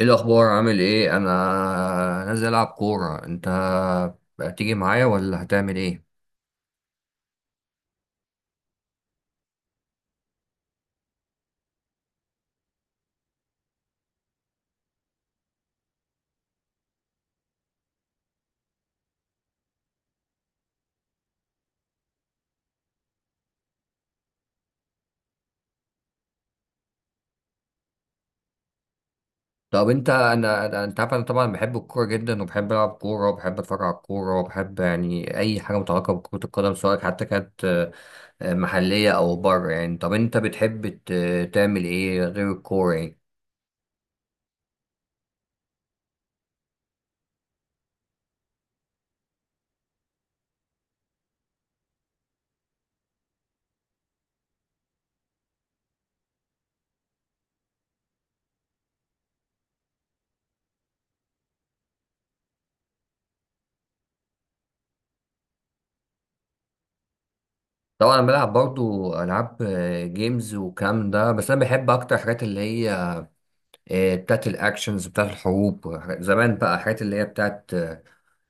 ايه الاخبار؟ عامل ايه؟ انا نازل العب كوره، انت هتيجي معايا ولا هتعمل ايه؟ طب انت، انت عارف انا طبعا بحب الكوره جدا، وبحب العب كوره، وبحب اتفرج على الكوره، وبحب يعني اي حاجه متعلقه بكره القدم، سواء حتى كانت محليه او بره يعني. طب انت بتحب تعمل ايه غير الكوره يعني؟ طبعا انا بلعب برضو العاب جيمز والكلام ده، بس انا بحب اكتر حاجات اللي هي بتاعت الاكشنز، بتاعت الحروب زمان بقى، حاجات اللي هي بتاعت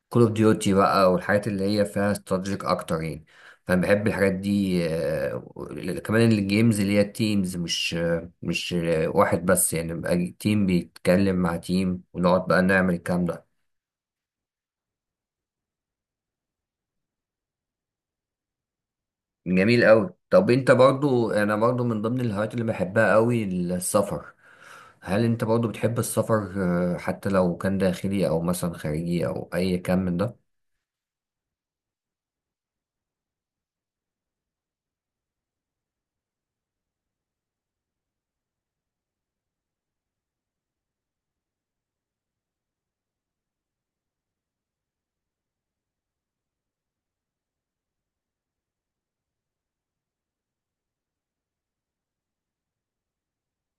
كول اوف ديوتي بقى، والحاجات اللي هي فيها استراتيجيك اكتر يعني. فانا بحب الحاجات دي. كمان الجيمز اللي هي تيمز، مش واحد بس، يعني بقى تيم بيتكلم مع تيم ونقعد بقى نعمل الكلام ده. جميل قوي. طب انت برضو، انا برضو من ضمن الهوايات اللي بحبها قوي السفر. هل انت برضو بتحب السفر، حتى لو كان داخلي او مثلا خارجي او اي كان من ده؟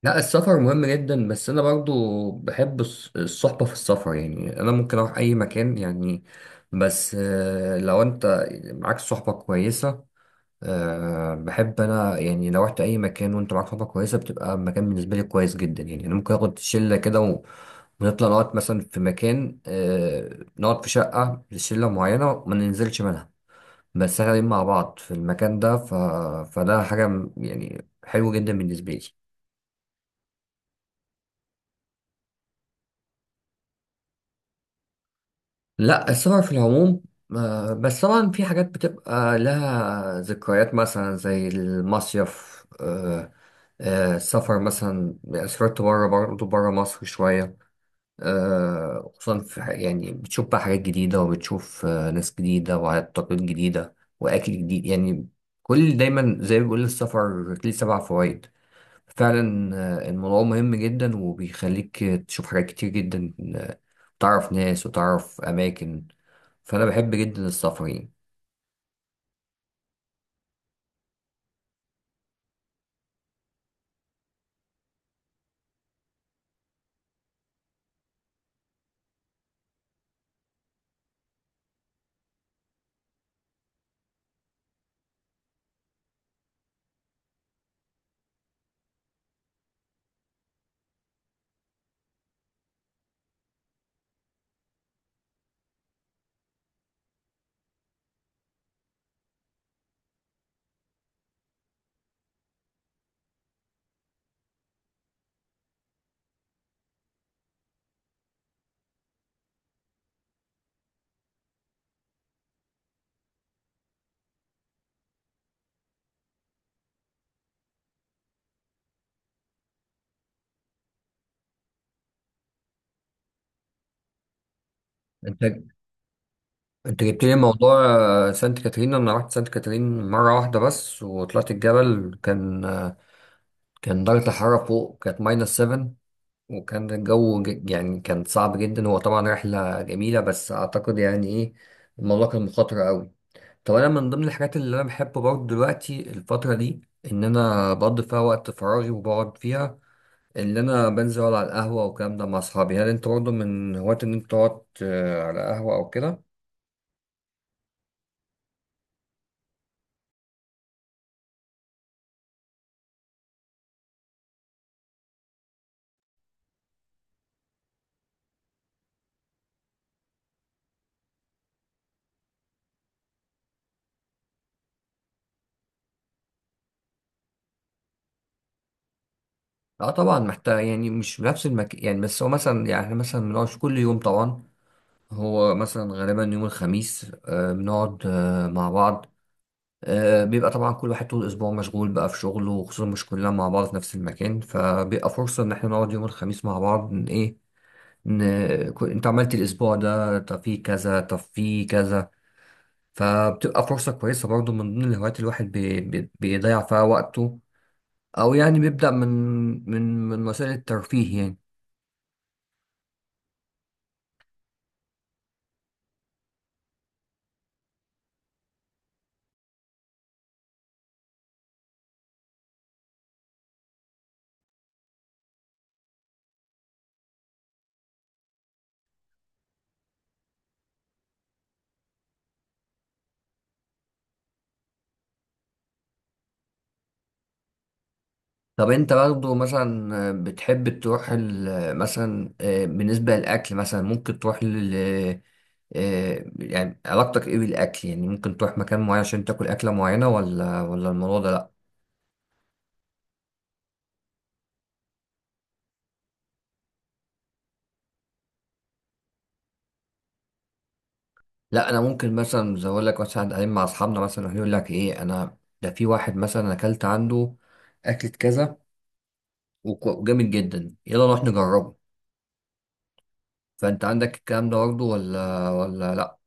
لا، السفر مهم جدا، بس انا برضو بحب الصحبة في السفر. يعني انا ممكن اروح اي مكان يعني، بس لو انت معاك صحبة كويسة. بحب انا يعني لو رحت اي مكان وانت معاك صحبة كويسة، بتبقى المكان بالنسبة لي كويس جدا. يعني انا ممكن اخد شلة كده ونطلع نقعد مثلا في مكان، نقعد في شقة لشلة معينة وما ننزلش منها، بس احنا قاعدين مع بعض في المكان ده فده حاجة يعني حلوة جدا بالنسبة لي. لا، السفر في العموم، بس طبعا في حاجات بتبقى لها ذكريات مثلا زي المصيف. السفر مثلا، سافرت بره، برضه بره مصر شوية، خصوصا في يعني بتشوف بقى حاجات جديدة، وبتشوف ناس جديدة وعادات تقاليد جديدة وأكل جديد يعني. كل دايما زي ما بيقول السفر ليه سبع فوائد فعلا. الموضوع مهم جدا، وبيخليك تشوف حاجات كتير جدا، وتعرف ناس وتعرف أماكن. فأنا بحب جدا السفر يعني. أنت جبت لي موضوع، سانت كاترين. أنا رحت سانت كاترين مرة واحدة بس، وطلعت الجبل، كان كان درجة الحرارة فوق كانت ماينس 7، وكان الجو يعني كان صعب جدا. هو طبعا رحلة جميلة، بس أعتقد يعني إيه، الموضوع كان مخاطر أوي. طب انا من ضمن الحاجات اللي انا بحبه برضه دلوقتي الفتره دي، ان انا بقضي فيها وقت فراغي وبقعد فيها، اللي انا بنزل اقعد على القهوه والكلام ده مع اصحابي. هل انت برضه من هواة ان انت تقعد على قهوه او كده؟ لا طبعا محتاج، يعني مش بنفس المكان يعني. بس هو مثلا يعني احنا مثلا بنقعد كل يوم طبعا، هو مثلا غالبا يوم الخميس بنقعد مع بعض. بيبقى طبعا كل واحد طول الاسبوع مشغول بقى في شغله، وخصوصا مش كلنا مع بعض في نفس المكان، فبيبقى فرصه ان احنا نقعد يوم الخميس مع بعض. إن ايه، إن انت عملت الاسبوع ده، طب في كذا، طب في كذا. فبتبقى فرصة كويسة برضو من ضمن الهوايات الواحد بي بي بيضيع فيها وقته، او يعني بيبدأ من وسائل الترفيه يعني. طب انت برضو مثلا بتحب تروح مثلا، بالنسبة للأكل مثلا، ممكن تروح لل يعني علاقتك ايه بالأكل؟ يعني ممكن تروح مكان معين عشان تاكل أكلة معينة، ولا الموضوع ده لأ؟ لا انا ممكن مثلا، زي اقول لك مثلا، قاعدين مع اصحابنا مثلا راح يقول لك ايه، انا ده في واحد مثلا أنا اكلت عنده اكلة كذا، وجامد جدا، يلا نروح نجربه. فانت عندك الكلام ده برضه ولا لا؟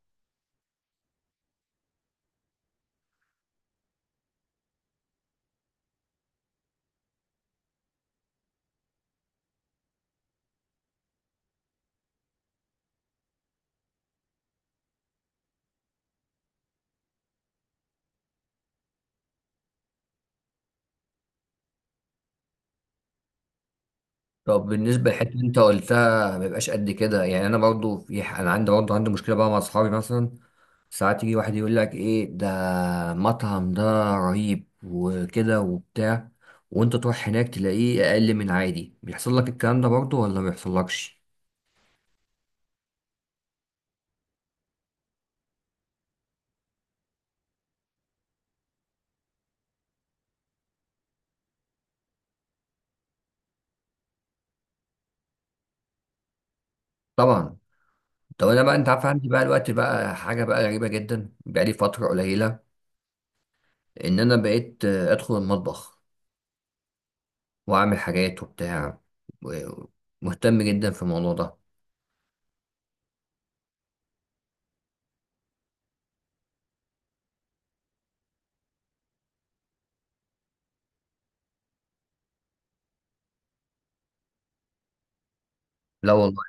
طب بالنسبة للحتة اللي انت قلتها ما بيبقاش قد كده، يعني انا برضه في انا عندي برضه عندي مشكلة بقى مع اصحابي مثلا، ساعات يجي واحد يقول لك ايه ده، مطعم ده رهيب وكده وبتاع، وانت تروح هناك تلاقيه اقل من عادي. بيحصل لك الكلام ده برضه ولا ما بيحصلكش؟ طبعا. طب انا بقى، انت عارف عندي بقى الوقت بقى حاجه بقى غريبه جدا، بقى لي فتره قليله ان انا بقيت ادخل المطبخ واعمل حاجات وبتاع، و- مهتم جدا في الموضوع ده. لا والله.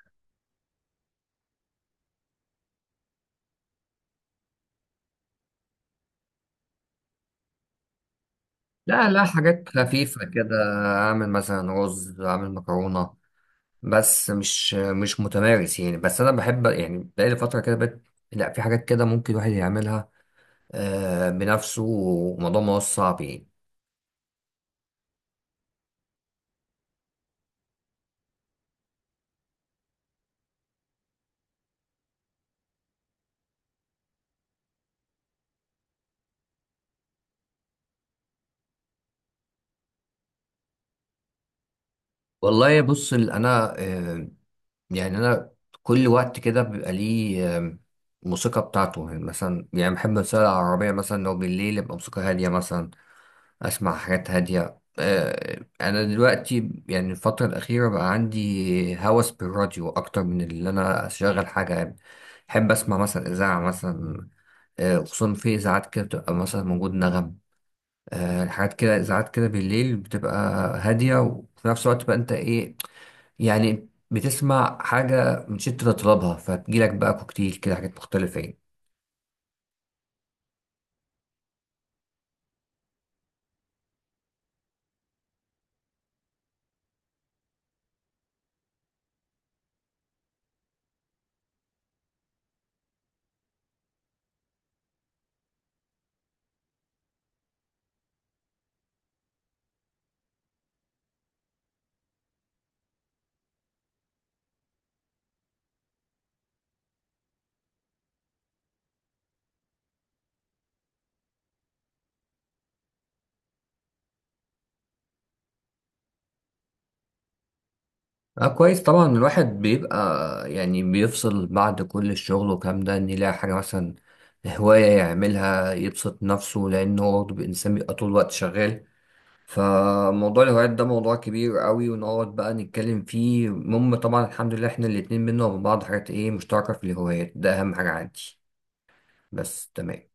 لا لا، حاجات خفيفه كده. اعمل مثلا رز، اعمل مكرونه، بس مش متمارس يعني، بس انا بحب، يعني بقى لي فتره كده بقيت. لا في حاجات كده ممكن الواحد يعملها بنفسه، وموضوع ما هو صعب يعني. والله بص، انا يعني انا كل وقت كده بيبقى ليه موسيقى بتاعته. يعني مثلا، يعني بحب السواقة العربية مثلا، لو بالليل يبقى موسيقى هادية مثلا، اسمع حاجات هادية. انا دلوقتي، يعني الفترة الأخيرة بقى عندي هوس بالراديو اكتر من اللي انا اشغل حاجة يعني. بحب اسمع مثلا اذاعة مثلا، خصوصا في اذاعات كده بتبقى مثلا موجود نغم، حاجات كده، اذاعات كده بالليل بتبقى هادية، وفي نفس الوقت بقى انت ايه، يعني بتسمع حاجة مش انت تطلبها، فتجيلك بقى كوكتيل كده، حاجات مختلفة يعني. اه كويس، طبعا الواحد بيبقى، يعني بيفصل بعد كل الشغل والكلام ده، ان يلاقي حاجة مثلا هواية يعملها يبسط نفسه، لأنه هو برضه إنسان بيبقى طول الوقت شغال. فموضوع الهوايات ده موضوع كبير قوي، ونقعد بقى نتكلم فيه. المهم طبعا الحمد لله احنا الاتنين بينا وبين بعض حاجات ايه مشتركة في الهوايات، ده أهم حاجة عندي بس. تمام.